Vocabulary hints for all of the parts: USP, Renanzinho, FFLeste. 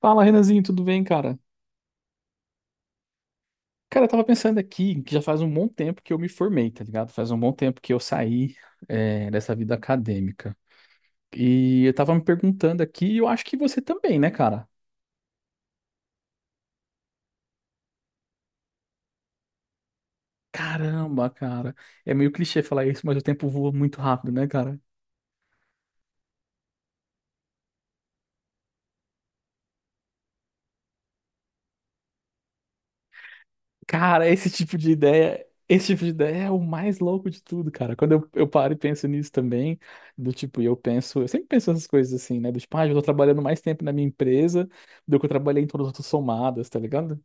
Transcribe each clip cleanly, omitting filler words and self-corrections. Fala, Renanzinho, tudo bem, cara? Cara, eu tava pensando aqui que já faz um bom tempo que eu me formei, tá ligado? Faz um bom tempo que eu saí, dessa vida acadêmica. E eu tava me perguntando aqui, e eu acho que você também, né, cara? Caramba, cara. É meio clichê falar isso, mas o tempo voa muito rápido, né, cara? Cara, esse tipo de ideia, esse tipo de ideia é o mais louco de tudo, cara. Quando eu paro e penso nisso também, do tipo, e eu penso, eu sempre penso essas coisas assim, né? Do tipo, ah, eu tô trabalhando mais tempo na minha empresa do que eu trabalhei em todas as outras somadas, tá ligado?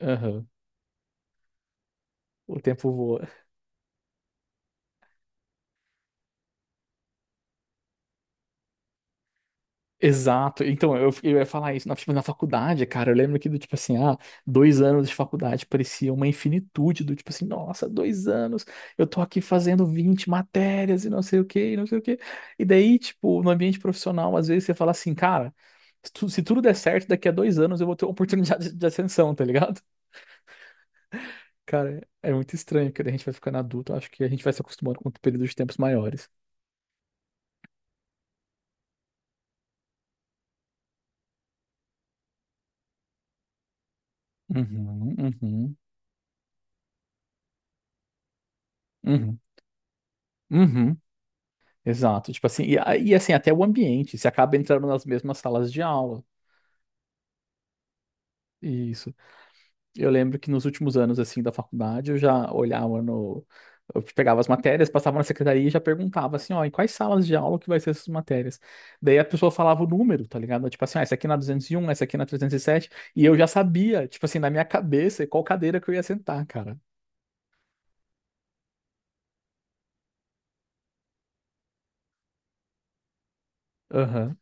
Aham. O tempo voa. Exato. Então, eu ia falar isso. Tipo, na faculdade, cara, eu lembro que do tipo assim, ah, 2 anos de faculdade parecia uma infinitude, do tipo assim, nossa, 2 anos, eu tô aqui fazendo 20 matérias e não sei o quê, e não sei o quê. E daí, tipo, no ambiente profissional, às vezes você fala assim, cara, se tudo der certo, daqui a 2 anos eu vou ter uma oportunidade de ascensão, tá ligado? Cara, é muito estranho, que daí a gente vai ficando adulto, eu acho que a gente vai se acostumando com períodos de tempos maiores. Uhum, uhum, uhum, uhum. Exato, tipo assim, e assim, até o ambiente, você acaba entrando nas mesmas salas de aula. Isso. Eu lembro que nos últimos anos, assim, da faculdade, eu já olhava no. Eu pegava as matérias, passava na secretaria e já perguntava assim, ó, em quais salas de aula que vai ser essas matérias? Daí a pessoa falava o número, tá ligado? Tipo assim, ah, essa aqui na 201, essa aqui na 307, e sete, e eu já sabia, tipo assim, na minha cabeça, qual cadeira que eu ia sentar, cara. Aham.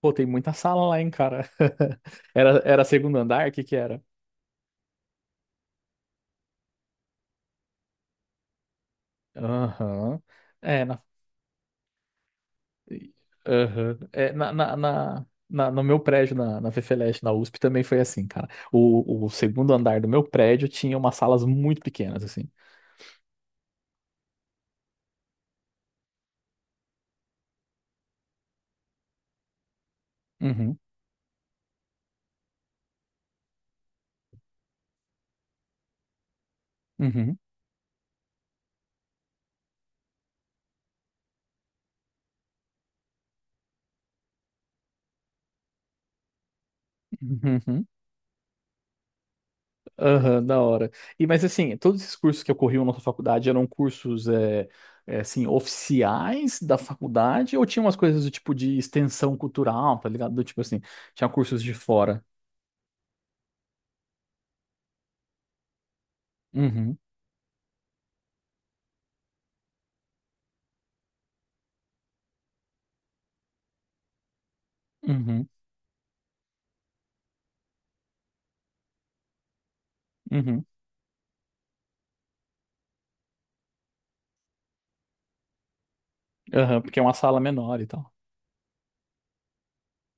Pô, tem muita sala lá, hein, cara. Era segundo andar, o que que era? Aham. É, na Aham. No meu prédio, na FFLeste, na USP, também foi assim, cara. O segundo andar do meu prédio tinha umas salas muito pequenas, assim. Uhum, uhum, uhum, uhum, aham, da hora. E, mas assim, todos esses cursos que ocorriam na sua faculdade eram cursos, assim, oficiais da faculdade, ou tinha umas coisas do tipo de extensão cultural, tá ligado? Do tipo assim, tinha cursos de fora. Uhum, uhum, uhum, aham, porque é uma sala menor e tal.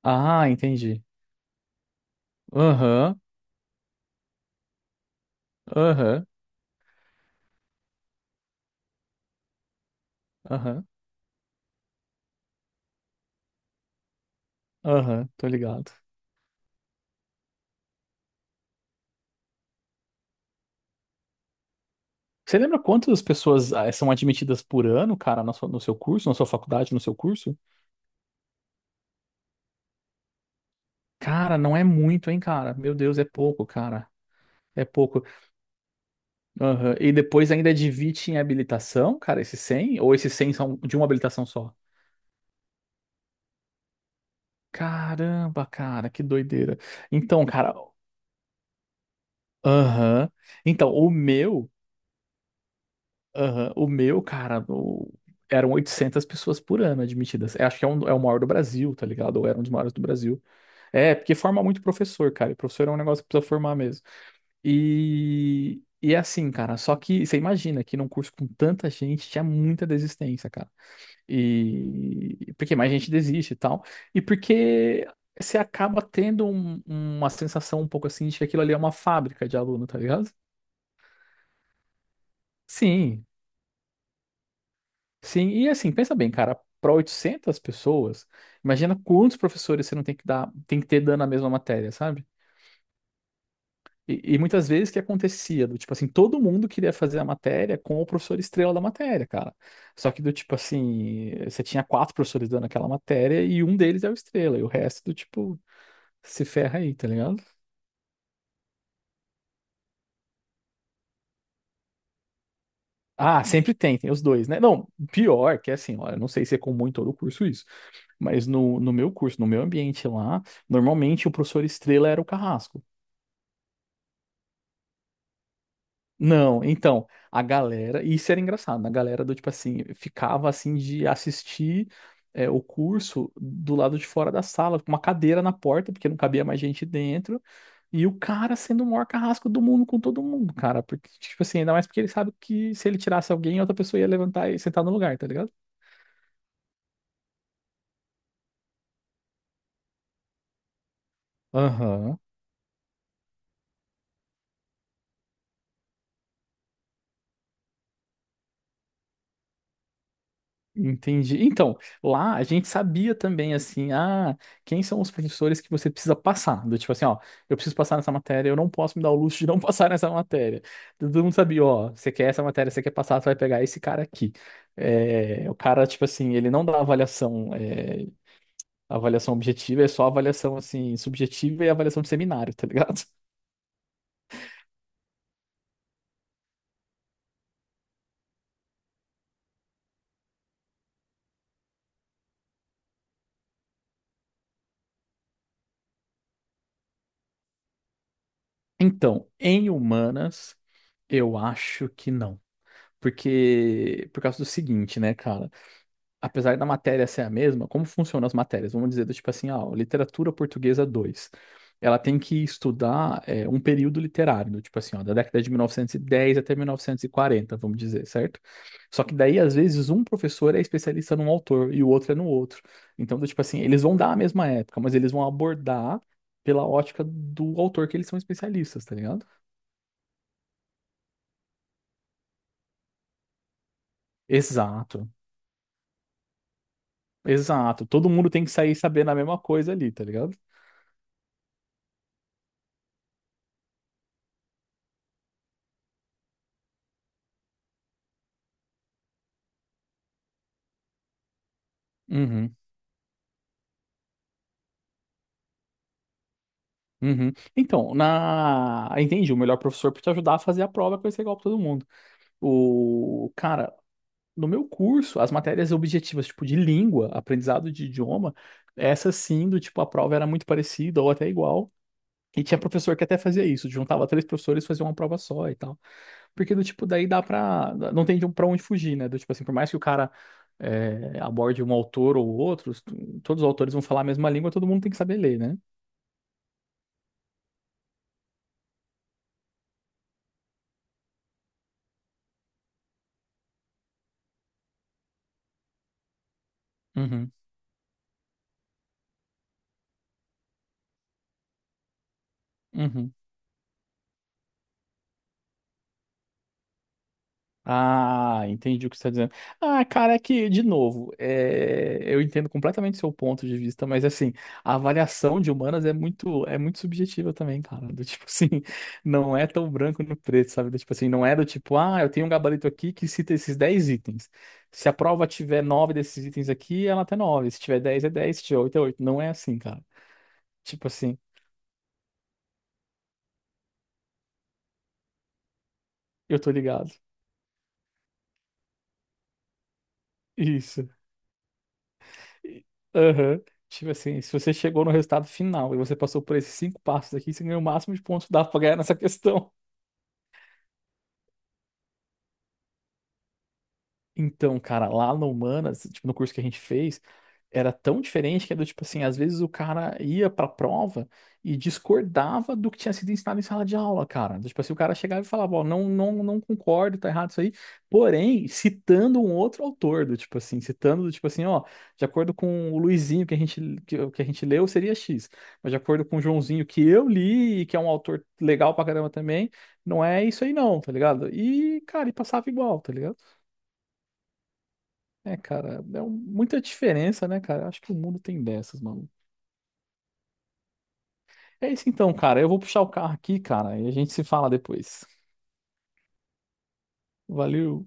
Ah, entendi. Aham, aham, aham, aham, tô ligado. Você lembra quantas pessoas são admitidas por ano, cara, no seu curso, na sua faculdade, no seu curso? Cara, não é muito, hein, cara? Meu Deus, é pouco, cara. É pouco. Aham. E depois ainda divide em habilitação, cara, esses 100, ou esses 100 são de uma habilitação só? Caramba, cara, que doideira. Então, cara, aham. Então, o meu. Aham. O meu, cara, eram 800 pessoas por ano admitidas. Eu acho que é o maior do Brasil, tá ligado? Ou era um dos maiores do Brasil. É, porque forma muito professor, cara. E professor é um negócio que precisa formar mesmo. E é assim, cara. Só que você imagina que num curso com tanta gente tinha muita desistência, cara. E porque mais gente desiste e tal. E porque você acaba tendo uma sensação um pouco assim de que aquilo ali é uma fábrica de aluno, tá ligado? Sim. Sim, e assim, pensa bem, cara, para 800 pessoas, imagina quantos professores você não tem que dar, tem que ter dando a mesma matéria, sabe? E muitas vezes o que acontecia, do tipo assim, todo mundo queria fazer a matéria com o professor estrela da matéria, cara. Só que do tipo assim, você tinha quatro professores dando aquela matéria e um deles é o estrela, e o resto do tipo se ferra aí, tá ligado? Ah, sempre tem os dois, né? Não, pior que é assim, olha, não sei se é comum em todo o curso isso, mas no meu curso, no meu ambiente lá, normalmente o professor estrela era o carrasco. Não, então, a galera, e isso era engraçado, né? A galera do tipo assim, ficava assim de assistir o curso do lado de fora da sala, com uma cadeira na porta, porque não cabia mais gente dentro, e o cara sendo o maior carrasco do mundo com todo mundo, cara, porque, tipo assim, ainda mais porque ele sabe que se ele tirasse alguém, outra pessoa ia levantar e sentar no lugar, tá ligado? Aham. Entendi. Então, lá a gente sabia também, assim, quem são os professores que você precisa passar? Do tipo assim, ó, eu preciso passar nessa matéria, eu não posso me dar o luxo de não passar nessa matéria. Todo mundo sabia, ó, você quer essa matéria, você quer passar, você vai pegar esse cara aqui. É, o cara, tipo assim, ele não dá avaliação, avaliação objetiva, é só avaliação, assim, subjetiva e avaliação de seminário, tá ligado? Então, em humanas, eu acho que não. Porque, por causa do seguinte, né, cara? Apesar da matéria ser a mesma, como funcionam as matérias? Vamos dizer, do tipo assim, ah, literatura portuguesa 2, ela tem que estudar um período literário, do tipo assim, ó, da década de 1910 até 1940, vamos dizer, certo? Só que daí, às vezes, um professor é especialista num autor e o outro é no outro. Então, do tipo assim, eles vão dar a mesma época, mas eles vão abordar pela ótica do autor que eles são especialistas, tá ligado? Exato, exato. Todo mundo tem que sair sabendo a mesma coisa ali, tá ligado? Uhum. Uhum. Então, entendi, o melhor professor para te ajudar a fazer a prova é conhecer igual para todo mundo. O cara, no meu curso, as matérias objetivas, tipo de língua, aprendizado de idioma, essa sim, do tipo, a prova era muito parecida ou até igual. E tinha professor que até fazia isso, juntava três professores e fazia uma prova só e tal. Porque do tipo, daí dá pra. Não tem pra onde fugir, né? Do tipo assim, por mais que o cara aborde um autor ou outros, todos os autores vão falar a mesma língua, todo mundo tem que saber ler, né? Uhum. Uhum. Ah, entendi o que você está dizendo. Ah, cara, é que, de novo, eu entendo completamente seu ponto de vista, mas assim, a avaliação de humanas é muito subjetiva também, cara. Do tipo assim, não é tão branco no preto, sabe? Do tipo assim, não é do tipo, ah, eu tenho um gabarito aqui que cita esses 10 itens. Se a prova tiver 9 desses itens aqui, ela até 9. Se tiver 10, é 10. Se tiver 8, é 8, não é assim, cara. Tipo assim, eu tô ligado. Isso. Aham. Tipo assim, se você chegou no resultado final e você passou por esses cinco passos aqui, você ganhou o máximo de pontos que dá pra ganhar nessa questão. Então, cara, lá no Humanas, tipo, no curso que a gente fez, era tão diferente que era do tipo assim, às vezes o cara ia pra prova e discordava do que tinha sido ensinado em sala de aula, cara. Tipo assim, o cara chegava e falava, ó, não, não, não concordo, tá errado isso aí, porém, citando um outro autor, do tipo assim, citando do tipo assim, ó, de acordo com o Luizinho que a gente leu, seria X, mas de acordo com o Joãozinho que eu li e que é um autor legal pra caramba também, não é isso aí não, tá ligado? E, cara, e passava igual, tá ligado? É, cara, é muita diferença, né, cara? Eu acho que o mundo tem dessas, mano. É isso então, cara. Eu vou puxar o carro aqui, cara, e a gente se fala depois. Valeu.